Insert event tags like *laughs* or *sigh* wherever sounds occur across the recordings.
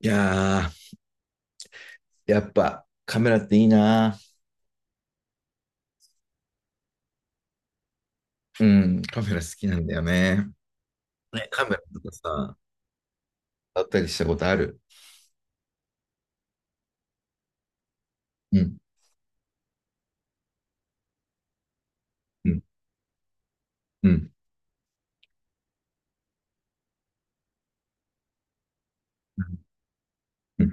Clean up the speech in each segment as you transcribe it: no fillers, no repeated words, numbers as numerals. いやー、やっぱカメラっていいな。うん、カメラ好きなんだよね。ね、カメラとかさ、撮ったりしたことある。うん、うん、うん、うん、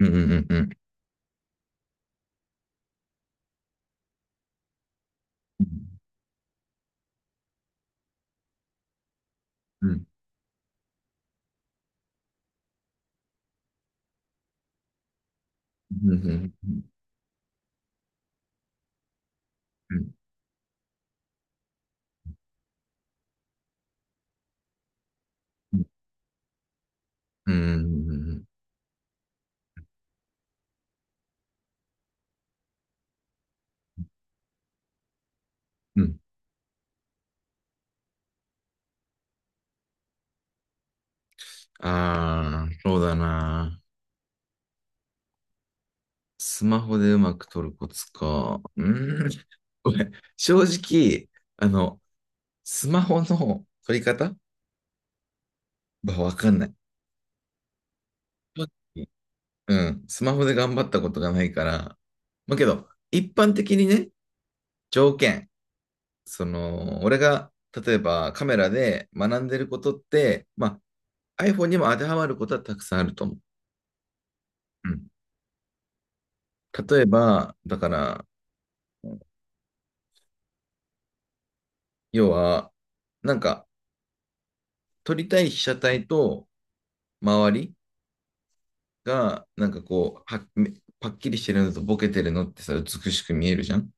うん、うん、うん、うん、うん、うん、うん、うん、うん、うん、うん、うん、うん、うん、うん。ああ、そうだな。スマホでうまく撮るコツか。うん。これ正直あのスマホの撮り方はわかんない。うん、スマホで頑張ったことがないから、まあけど、一般的にね、条件、その、俺が、例えばカメラで学んでることって、iPhone にも当てはまることはたくさんあると思う。うん。例えば、だから、要は、なんか、撮りたい被写体と周りが、パッキリしてるのとボケてるのってさ、美しく見えるじゃん。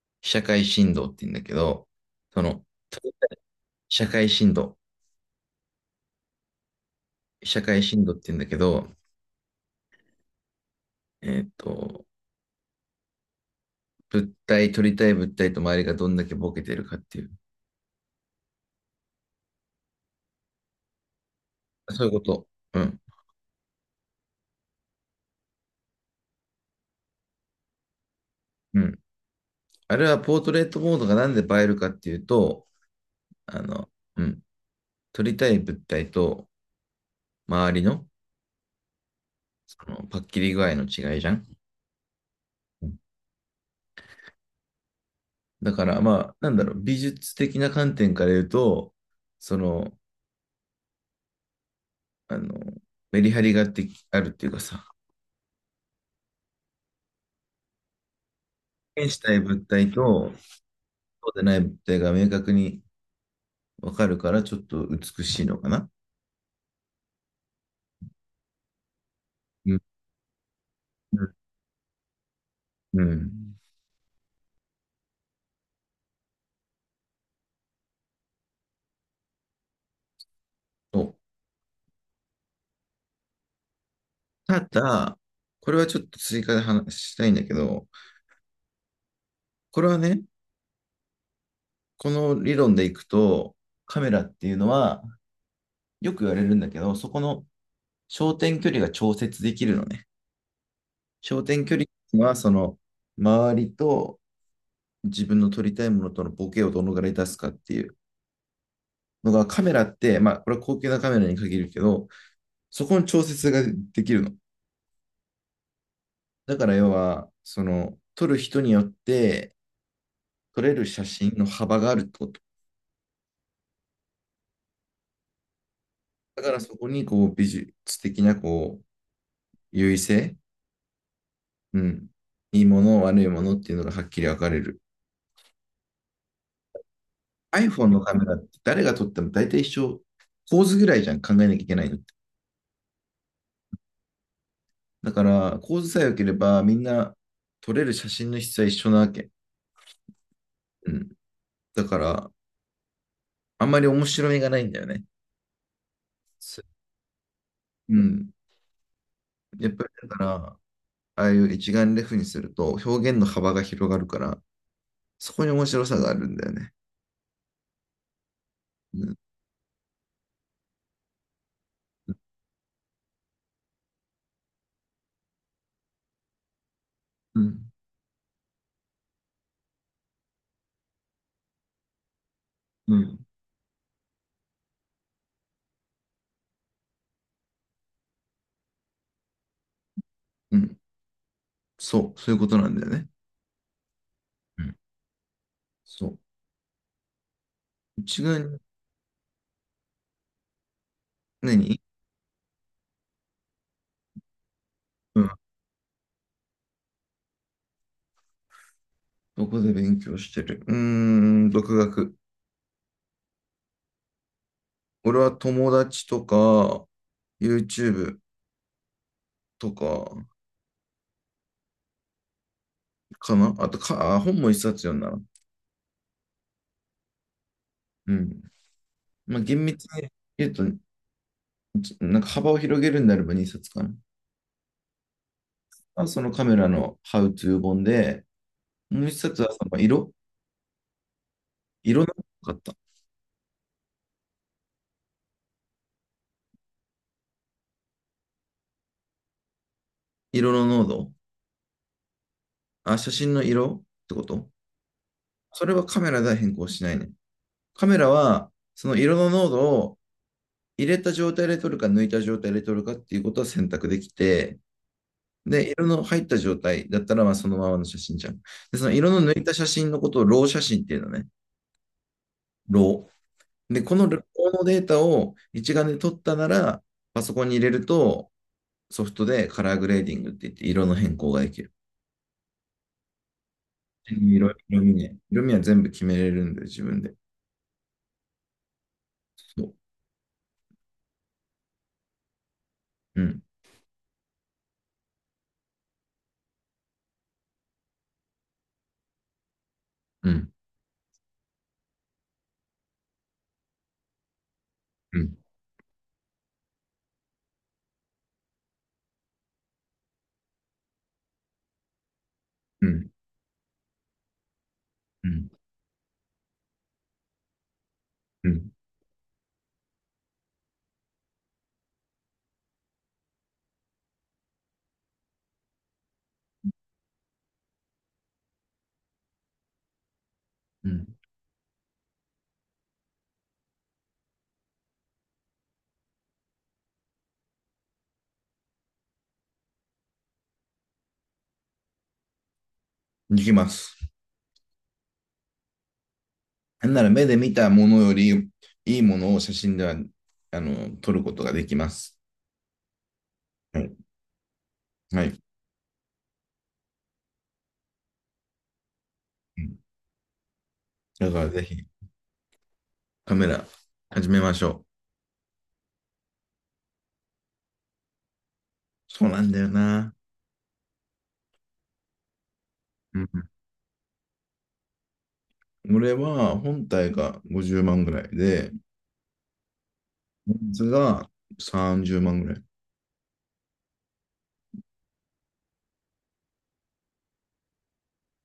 被写界深度って言うんだけど、その、被写界深度、被写界深度って言うんだけど、えっと、取りたい物体と周りがどんだけボケてるかっていう。そういうこと。うん。うん。あれはポートレートモードがなんで映えるかっていうと、あの、うん、撮りたい物体と周りの、そのパッキリ具合の違いじゃん。うん。だからまあ、なんだろう、美術的な観点から言うと、その、あの、メリハリがあってあるっていうかさ、表現したい物体とそうでない物体が明確にわかるから、ちょっと美しいのかな。うん、うん。そう。ただ、これはちょっと追加で話したいんだけど、これはね、この理論でいくと、カメラっていうのは、よく言われるんだけど、そこの焦点距離が調節できるのね。焦点距離は、その、周りと自分の撮りたいものとのボケをどのぐらい出すかっていうのが、カメラって、まあ、これは高級なカメラに限るけど、そこの調節ができるの。だから、要は、その、撮る人によって、撮れる写真の幅があるってこと。だからそこにこう美術的なこう優位性、うん、いいもの、悪いものっていうのがはっきり分かれる。iPhone のカメラって誰が撮っても大体一緒、構図ぐらいじゃん、考えなきゃいけないのって。だから構図さえ良ければみんな撮れる写真の質は一緒なわけ。うん、だからあんまり面白みがないんだよね。うん、やっぱりだから、ああいう一眼レフにすると表現の幅が広がるから、そこに面白さがあるんだよね。うん、うん、うん、うん。そう、そういうことなんだよね。うん。そう。うちが何。うん。どこで勉強してる、うーん、独学。俺は友達とか、YouTube とか、かなあとか、あ本も一冊読んだな。うん。まあ、厳密に言うと、なんか幅を広げるんであれば二冊かな。あ、そのカメラの How to 本で、もう一冊はその色のかった。色の濃度、あ、写真の色ってこと。それはカメラでは変更しないね。カメラは、その色の濃度を入れた状態で撮るか抜いた状態で撮るかっていうことを選択できて、で、色の入った状態だったら、まあそのままの写真じゃん。で、その色の抜いた写真のことをロー写真っていうのね。ロー。で、このローのデータを一眼で撮ったなら、パソコンに入れると、ソフトでカラーグレーディングって言って色の変更ができる。色、色味ね。色味は全部決めれるんで、自分で。そう。うん。うん。うん。うん。うん。うん。うん。いきます。なんなら目で見たものよりいいものを写真では撮ることができます。はい。はい。だからぜひカメラ始めましょう。そうなんだよな。うん、俺は本体が50万ぐらいで、レンズが30万ぐらい。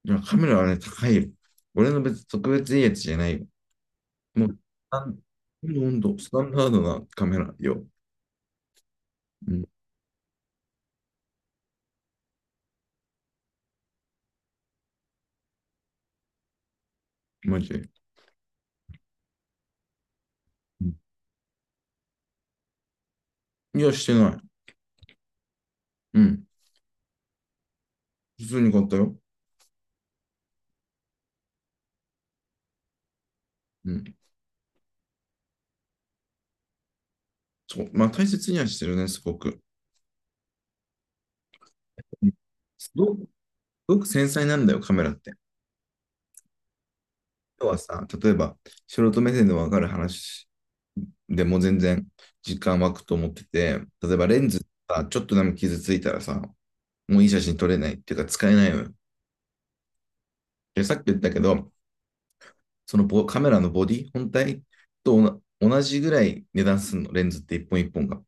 いや、カメラはね、高いよ。俺の別に特別いいやつじゃないよ。もう、ほんと、スタンダードなカメラよ。うん、マジで。うん。いや、してない。うん、普通に買ったよ。うん。そう、まあ大切にはしてるね、すごく。うん。すごく繊細なんだよ、カメラって。要はさ、例えば、素人目線でわかる話でも全然時間湧くと思ってて、例えばレンズさ、ちょっとでも傷ついたらさ、もういい写真撮れないっていうか使えないのよ。で、さっき言ったけど、そのカメラのボディ本体と同じぐらい値段するの、レンズって一本一本が。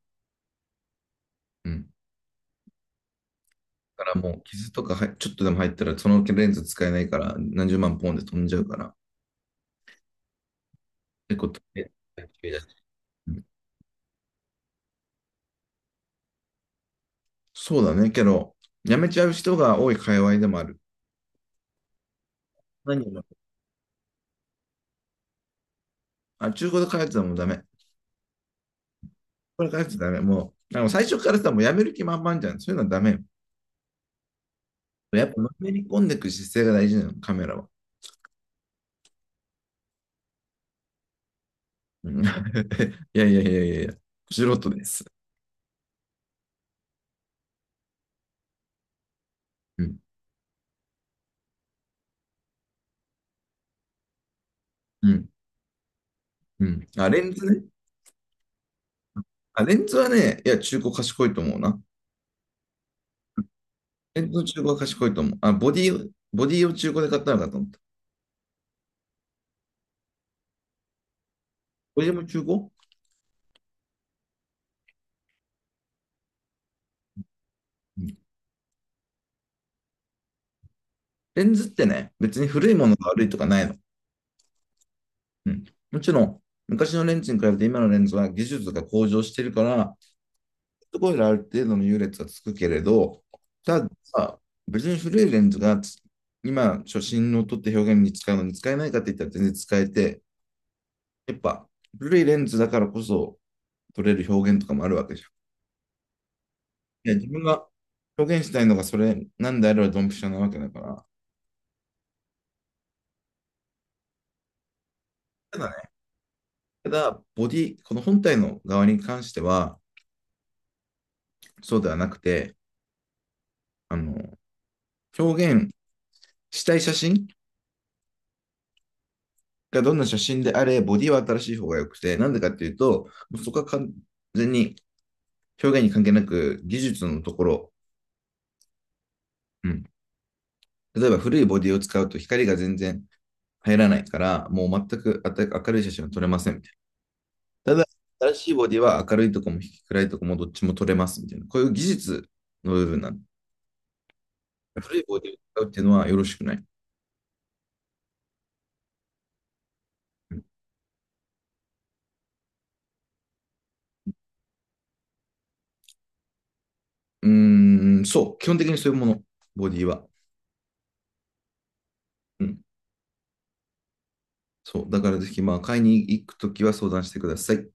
うん。だからもう傷とかはちょっとでも入ったら、そのレンズ使えないから何十万ポンで飛んじゃうから、てことで、うん。そうだね。けど、やめちゃう人が多い界隈でもある。何を、あ、中古で買うやつはもうダメ。これ買うやつダメ。もう、あの最初からさ、もうやめる気満々じゃん。そういうのはダメよ。やっぱ、のめり込んでいく姿勢が大事なの、カメラは。うん *laughs* いやいやいやいやいや、素人です。うん。うん。うん。あ、レンズね。あ、レンズはね、いや、中古賢いと思うな。レンズの中古は賢いと思う。あ、ボディ、ボディを中古で買ったのかと思った。ボディも中古。レンズってね、別に古いものが悪いとかないの。うん。もちろん、昔のレンズに比べて今のレンズは技術が向上してるから、そこである程度の優劣はつくけれど、ただ、別に古いレンズがつ今、初心の撮って表現に使うのに使えないかって言ったら全然使えて、やっぱ古いレンズだからこそ撮れる表現とかもあるわけじゃん。いや、自分が表現したいのがそれなんであればドンピシャなわけだから。ただね、ただ、ボディ、この本体の側に関しては、そうではなくて、あの、表現したい写真がどんな写真であれ、ボディは新しい方が良くて、なんでかっていうと、そこは完全に表現に関係なく技術のところ、うん、例えば古いボディを使うと光が全然入らないから、もう全く明るい写真は撮れませんみたいな。ただ、新しいボディは明るいとこも暗いとこもどっちも撮れますみたいな。こういう技術の部分なんで。古いボディを使うっていうのはよろしくない。ううーん。そう。基本的にそういうもの、ボディは。うん。そう。だからぜひ、まあ、買いに行くときは相談してください。